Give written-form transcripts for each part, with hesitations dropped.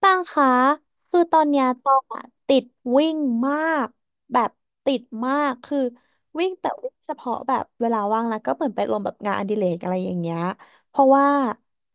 ปังคะคือตอนเนี้ยตองอะติดวิ่งมากแบบติดมากคือวิ่งแต่วิ่งเฉพาะแบบเวลาว่างแล้วก็เหมือนไปลงแบบงานอดิเรกอะไรอย่างเงี้ยเพราะว่า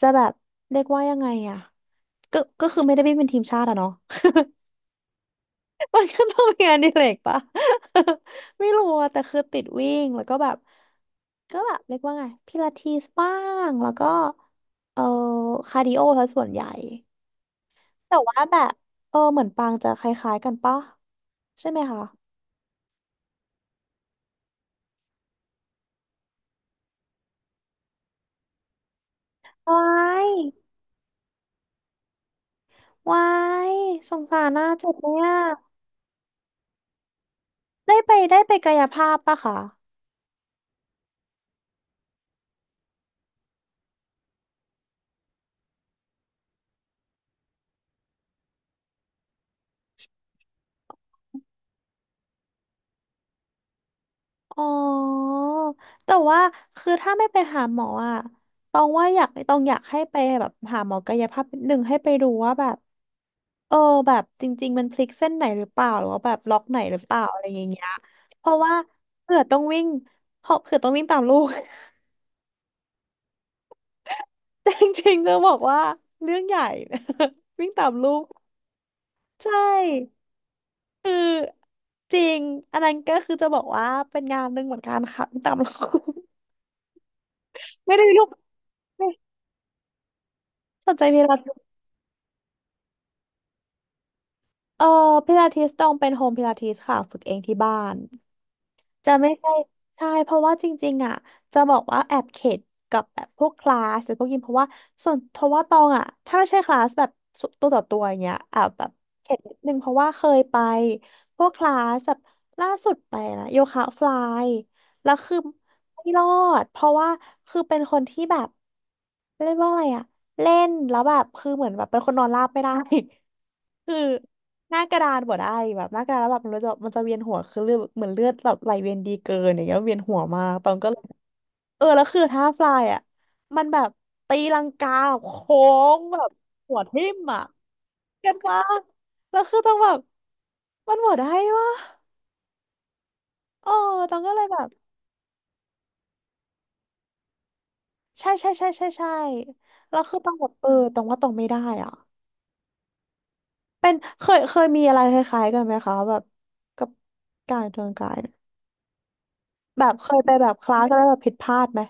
จะแบบเรียกว่ายังไงอะก็คือไม่ได้วิ่งเป็นทีมชาติอะเนาะ มันก็ต้องมีงานอดิเรกปะ ไม่รู้อะแต่คือติดวิ่งแล้วก็แบบก็แบบเรียกว่าไงพิลาทิสบ้างแล้วก็เออคาร์ดิโอซะส่วนใหญ่ แต่ว่าแบบเออเหมือนปางจะคล้ายๆกันปะใช่ไหมคะวายวายสงสารน่าเจ็บเนี่ยได้ไปกายภาพปะคะอ๋อแต่ว่าคือถ้าไม่ไปหาหมออ่ะตองว่าอยากตองอยากให้ไปแบบหาหมอกายภาพนิดนึงให้ไปดูว่าแบบเออแบบจริงๆมันพลิกเส้นไหนหรือเปล่าหรือว่าแบบล็อกไหนหรือเปล่าอะไรอย่างเงี้ยเพราะว่าเผื่อต้องวิ่งเพราะเผื่อต้องวิ่งตามลูก แต่ จริงๆจะบอกว่าเรื่องใหญ่ วิ่งตามลูกใช่คือจริงอันนั้นก็คือจะบอกว่าเป็นงานหนึ่งเหมือนกันค่ะวิ่งตามลูก ไม่ได้ลูกไม่สนใจพิลาทิสเออพิลาทิสต้องเป็นโฮมพิลาทิสค่ะฝึกเองที่บ้าน จะไม่ใช่ใช่เพราะว่าจริงๆอ่ะจะบอกว่าแอบเข็ดกับแบบพวกคลาสหรือพวกยิมเพราะว่าส่วนเพราะว่าตองอ่ะถ้าไม่ใช่คลาสแบบสุตัวต่อตัวอย่างเงี้ยแอบแบบเข็ดนิดนึงเพราะว่าเคยไปพวกคลาสแบบล่าสุดไปนะโยคะฟลายแล้วคือ ไม่รอดเพราะว่าคือเป็นคนที่แบบเรียกว่าอะไรอะเล่นแล้วแบบคือเหมือนแบบเป็นคนนอนราบไม่ได้ คือหน้ากระดานบ่ได้แบบหน้ากระดานแล้วแบบมันจะเวียนหัวคือเลือดเหมือนเลือดแบบไหลเวียนดีเกินอย่างเงี้ยเวียนหัวมากตองก็เลยแล้วคือท่าฟลายอะมันแบบตีลังกาโค้งแบบหัวทิ่มอะเก็ตปะแล้วคือต้องแบบมันหมดได้ปะเออตองก็เลยแบบ ใช่ใช่ใช่ใช่ใช่แล้วคือต้องแบบตรงว่าตรงไม่ได้อ่ะเป็นเคยมีอะไรคล้ายๆกันไหมคะแบบกับการเตรียมกายเนี่ยแบบเคยไปแบบคลาสแล้วแบบผิดพลาดไหม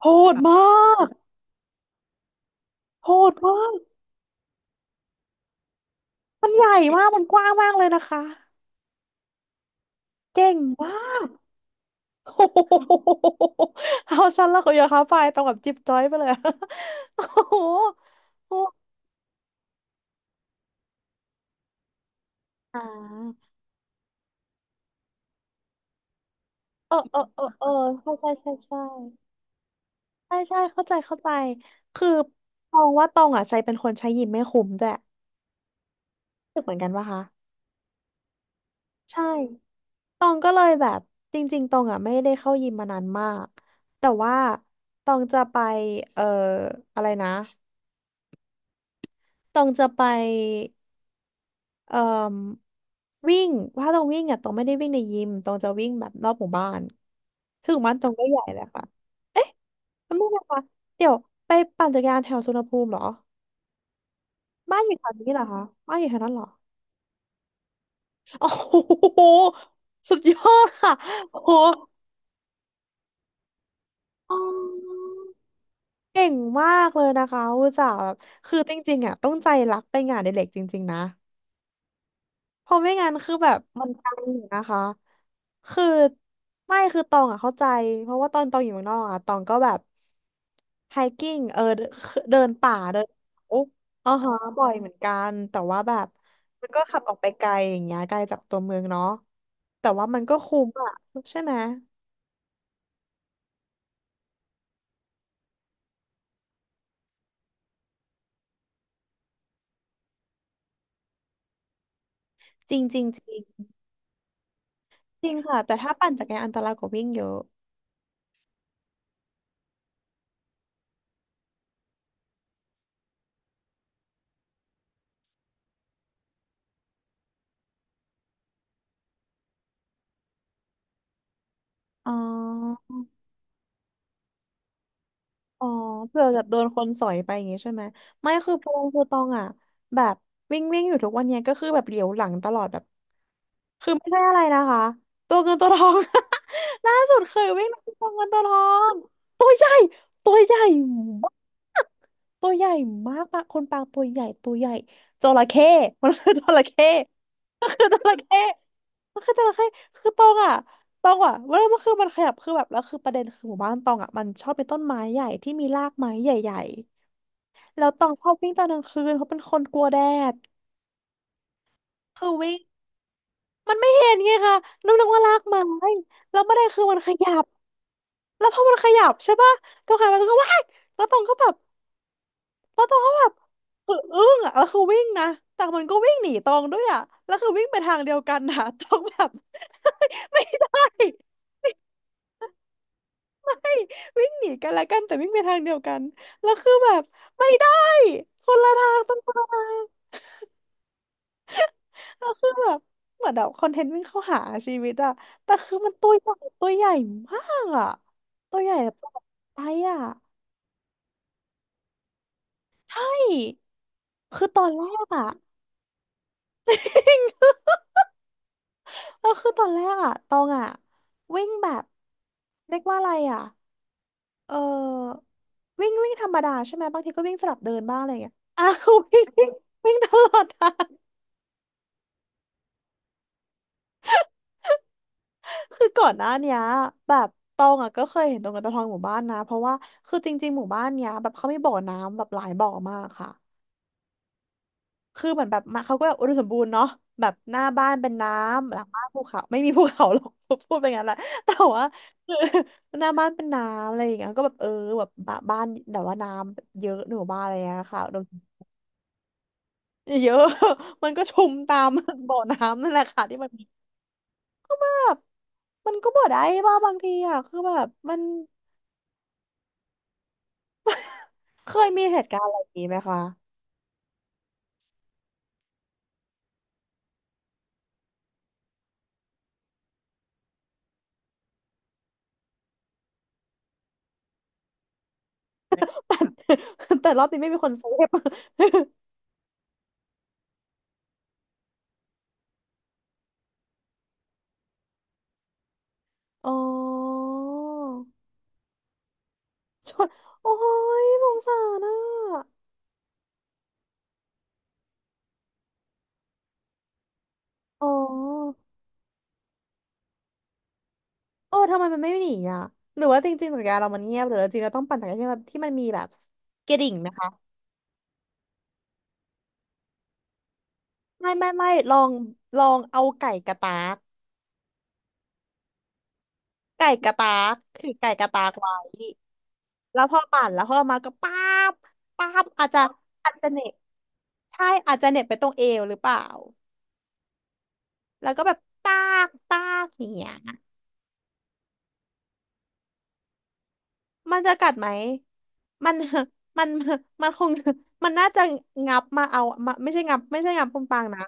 โหดมากโหดมากมันใหญ่มากมันกว้างมากเลยนะคะเก่งมากโอ้โห เอาสั้นแล้วก็อย่าค้าไฟต้องแบบจิ๊บจ้อยไปเลยอะ โอ้โหโอ้อ่าเออเออเออเออใช่ใช่ใช่ใช่ ใช่ใช่เข้าใจเข้าใจคือตองว่าตองอ่ะใจเป็นคนใช้ยิ้มไม่คุ้มด้วยรู้สึกเหมือนกันปะคะใช่ตองก็เลยแบบจริงๆตองอ่ะไม่ได้เข้ายิมมานานมาก แต่ว่าตองจะไปเอ่ออะไรนะตองจะไปเอ่อวิ่ง ว่าตองวิ่งอ่ะตองไม่ได้วิ่งในยิมตองจะวิ่งแบบรอบหมู่บ้านซึ่งหมู่บ้านตองก็ใหญ่แหละค่ะเอ๊ะไม่ใช่ค่ะเดี๋ยวไปปั่นจักรยานแถวสุวรรณภูมิเหรอบ้านอยู่แถวนี้เหรอคะบ้านอยู่แถวนั้นเหรอ โอ้โหสุดยอดค่ะโอ้โหอ๋อเก่งมากเลยนะคะอุตส่าห์แบบคือจริงๆอ่ะต้องใจรักไปงานอดิเรกจริงๆนะเพราะไม่งั้นคือแบบมันตันอยู่นะคะคือไม่คือตองอ่ะเข้าใจเพราะว่าตอนตองอยู่เมืองนอกอ่ะตองก็แบบไฮกิ้งเดินเดินป่าเดินโอ้อ๋อฮะบ่อยเหมือนกันแต่ว่าแบบมันก็ขับออกไปไกลอย่างเงี้ยไกลจากตัวเมืองเนาะแต่ว่ามันก็คุ้มอ่ะใช่ไหม จริงจริงจริงจริงค่ะแต่ถ้าปั่นจักรยานอันตรายกว่าวิ่งเยอะอ๋ออ๋อเผื่อแบบโดนคนสอยไปอย่างงี้ใช่ไหมไม่คือพงคือตองอ่ะแบบวิ่งวิ่งอยู่ทุกวันเนี้ยก็คือแบบเหลียวหลังตลอดแบบคือไม่ใช่อะไรนะคะตัวเงินตัวทอง ล่าสุดเคยวิ่งตัวเงินตัวทองตัวใหญ่ตัวใหญ่ ตัวใหญ่มากปะคนปางตัวใหญ่ตัวใหญ่จระเข้ มันคือจระเข้มันคือจระเข้มันคือจระเข้คือตองอ่ะตองอ่ะเวลามันคือมันขยับคือแบบแล้วคือประเด็นคือหมู่บ้านตองอ่ะมันชอบเป็นต้นไม้ใหญ่ที่มีรากไม้ใหญ่ๆแล้วตองชอบวิ่งตอนกลางคืนเพราะเป็นคนกลัวแดดคือวิ่งมันไม่เห็นไงคะนึกว่ารากไม้แล้วไม่ได้คือมันขยับแล้วพอมันขยับใช่ปะตองหันไปตองก็ว้ายแล้วตองก็แบบ แล้วตองก็แบบคืออึ้งอ่ะแล้วคือวิ่งนะแต่มันก็วิ่งหนีตองด้วยอ่ะแล้วคือวิ่งไปทางเดียวกันนะ ตองแบบ ไม่ได้ไม่วิ่งหนีกันละกันแต่วิ่งไปทางเดียวกันแล้วคือแบบไม่ได้คนละทางต้องคนละทางแล้วคือแบบเหมือนแบบคอนเทนต์วิ่งเข้าหาชีวิตอ่ะแต่คือมันตัวใหญ่ตัวใหญ่มากอ่ะตัวใหญ่แบบตัวใหญ่อะใช่คือตอนแรกอะ ก็คือตอนแรกอะตองอะวิ่งแบบเรียกว่าอะไรอะเออวิ่งวิ่งธรรมดาใช่ไหมบางทีก็วิ่งสลับเดินบ้างอะไรอย่างเงี้ย อ้าววิ่ง วิ่งวิ่งตลอดทางคือก่อนหน้าเนี้ยแบบตองอะก็เคยเห็นตรงกันตะทองหมู่บ้านนะเพราะว่าคือจริงๆหมู่บ้านเนี้ยแบบเขามีบ่อน้ำแบบหลายบ่อมากค่ะ คือเหมือนแบบมาเขาก็แบบอุดมสมบูรณ์เนาะแบบหน้าบ้านเป็นน้ำหลังบ้านภูเขาไม่มีภูเขาหรอก พูดไปงั้นแหละแต่ว่าคือ หน้าบ้านเป็นน้ำอะไรอย่างเงี้ยก็แบบแบบบ้าบ้านแต่ว่าน้ำเยอะหนูบ้านอะไรอย่างเงี้ยค่ะอุดมเยอะ มันก็ชุมตาม บ่อน้ำนั่นแหละค่ะที่มันมีแบบมันก็บ่ได้บ้าบางทีอ่ะคือแบบมันเคยมีเหตุการณ์อะไรอย่างงี้ไหมคะ แต่ แต่รอบนี้ไม่มีคนเซฟ อ๋อ ชนโอ้ยสงสารอ่ะอ๋อทำไมมันไม่หนีอ่ะ หรือว่าจริงๆสัญญาเรามันเงียบหรือจริงๆเราต้องปั่นจักรยานที่มันมีแบบกระดิ่งไหมคะ ไม่ลองลองเอาไก่กระตากไก่กระตากถือไก่กระตากไว้แล้วพอปั่นแล้วพอมาก็ป้าบป้าบอาจจะอาจจะเหน็บใช่อาจจะเหน็บไปตรงเอวหรือเปล่า แล้วก็แบบตากตากอย่างเงี้ย มันจะกัดไหมมัน มัน มันคง มันน่าจะงับมาเอามาไม่ใช่งับไม่ใช่งับคุณปางนะ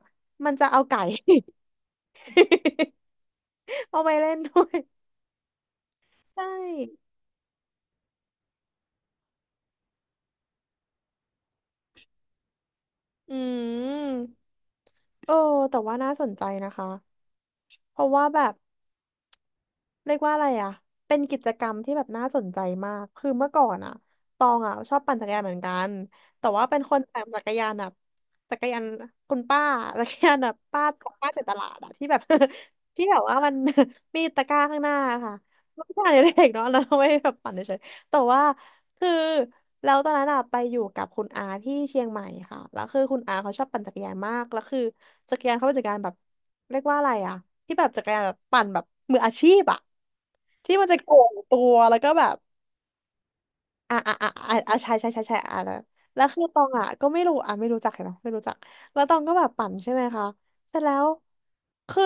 มันจะเอาไก่ เอาไปเล่นด้วยใช่อืมโอ้แต่ว่าน่าสนใจนะคะ เพราะว่าแบบ เรียกว่าอะไรอ่ะเป็นกิจกรรมที่แบบน่าสนใจมากคือเมื่อก่อนอ่ะตองอ่ะชอบปั่นจักรยานเหมือนกันแต่ว่าเป็นคนปั่นจักรยานแบบจักรยานคุณป้าจักรยานแบบป้าของป้าเจากตลาดอ่ะที่แบบ ที่แบบว่ามัน มีตะกร้าข้างหน้าค่ะ ไม่ใช่เด็กเนาะแล้วเอาไม่แบบปั่นเฉยๆแต่ว่า คือแล้วตอนนั้นอะไปอยู่กับคุณอาที่เชียงใหม่ค่ะแล้วคือคุณอาเขาชอบปั่นจักรยานมากแล้วคือจักรยานเขาเป็นจักรยานแบบเรียกว่าอะไรอะที่แบบจักรยานแบบปั่นแบบมืออาชีพอะที่มันจะโก่งตัวแล้วก็แบบอ่ะใช่อ่ะนะแล้วคือตองอะก็ไม่รู้อ่ะไม่รู้จักเลยเนาะไม่รู้จักแล้วตองก็แบบปั่นใช่ไหมคะเสร็จแล้วคือ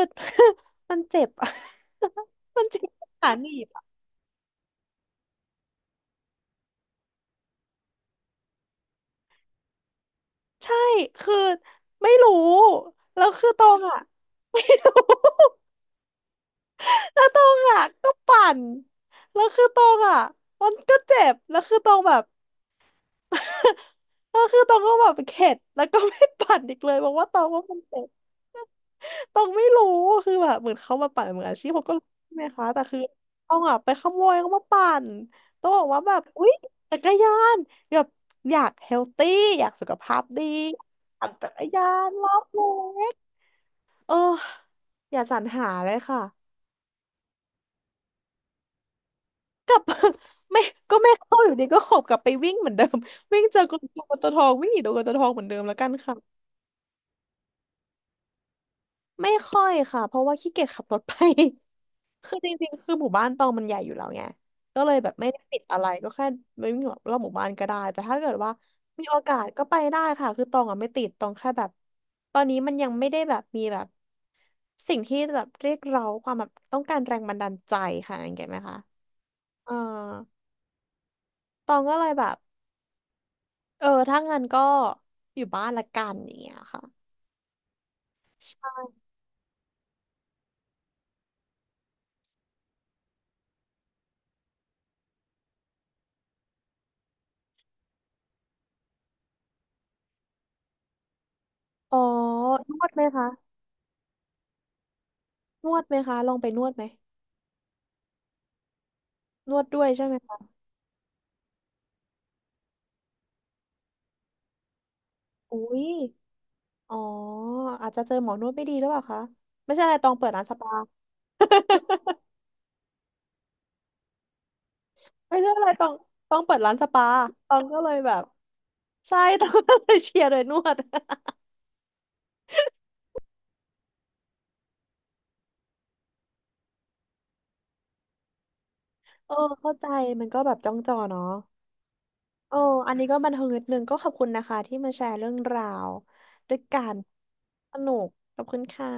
มันเจ็บอะ มันเจ็บใช่คือไม่รู้แล้วคือตองอ่ะ ไม่รู้ แล้วตองอ่ะก็ปั่นแล้วคือตองอ่ะมันก็เจ็บแล้วคือตองแบบ แล้วคือตองก็แบบเข็ดแล้วก็ไม่ปั่นอีกเลยเพราะว่าตองว่ามันเจ็บตองไม่รู้คือแบบเหมือนเขามาปั่นเหมือนอาชีพผมก็รู้ใช่ไหมคะแต่คือต้องอ่ะไปขโมยเขามาปั่นต้องบอกว่าแบบอุ๊ยจักรยานแบบอยากเฮลตี้อยากสุขภาพดีปั่นจักรยานรอบเล็กเอออย่าสรรหาเลยค่ะ ไม่ก็ไม่เข้าอยู่ดีก็ขบกลับไปวิ่งเหมือนเดิม วิ่งเจอกตัวกตวทองวิ่งหนีตัวกตวทองเหมือนเดิมแล้วกันค่ะไม่ค่อยค่ะเพราะว่าขี้เกียจขับรถไป คือจริงๆคือหมู่บ้านตองมันใหญ่อยู่แล้วไงก็เลยแบบไม่ได้ติดอะไรก็แค่ไม่วิ่งรอบหมู่บ้านก็ได้แต่ถ้าเกิดว่ามีโอกาสก็ไปได้ค่ะคือตองอ่ะไม่ติดตองแค่แบบตอนนี้มันยังไม่ได้แบบมีแบบสิ่งที่แบบเรียกเราความแบบต้องการแรงบันดาลใจค่ะเห็นไหมคะเออตองก็เลยแบบ ถ้างั้นก็อยู่บ้านละกันอย่างเงี้ยค่ะอ๋อนวดไหมคะนวดไหมคะลองไปนวดไหมนวดด้วยใช่ไหมคะอุ๊ยอ๋ออาจจะเจอหมอนวดไม่ดีหรือเปล่าคะไม่ใช่อะไรตองเปิดร้านสปา ไม่ใช่อะไรตองตองเปิดร้านสปาตองก็เลยแบบใช่ตองก็เลยเชียร์โดยนวด โอ้เข้าใจมันก็แบบจ้องจอเนาะโอ้อันนี้ก็บันเทิงนิดนึงก็ขอบคุณนะคะที่มาแชร์เรื่องราวด้วยกันสนุกขอบคุณค่ะ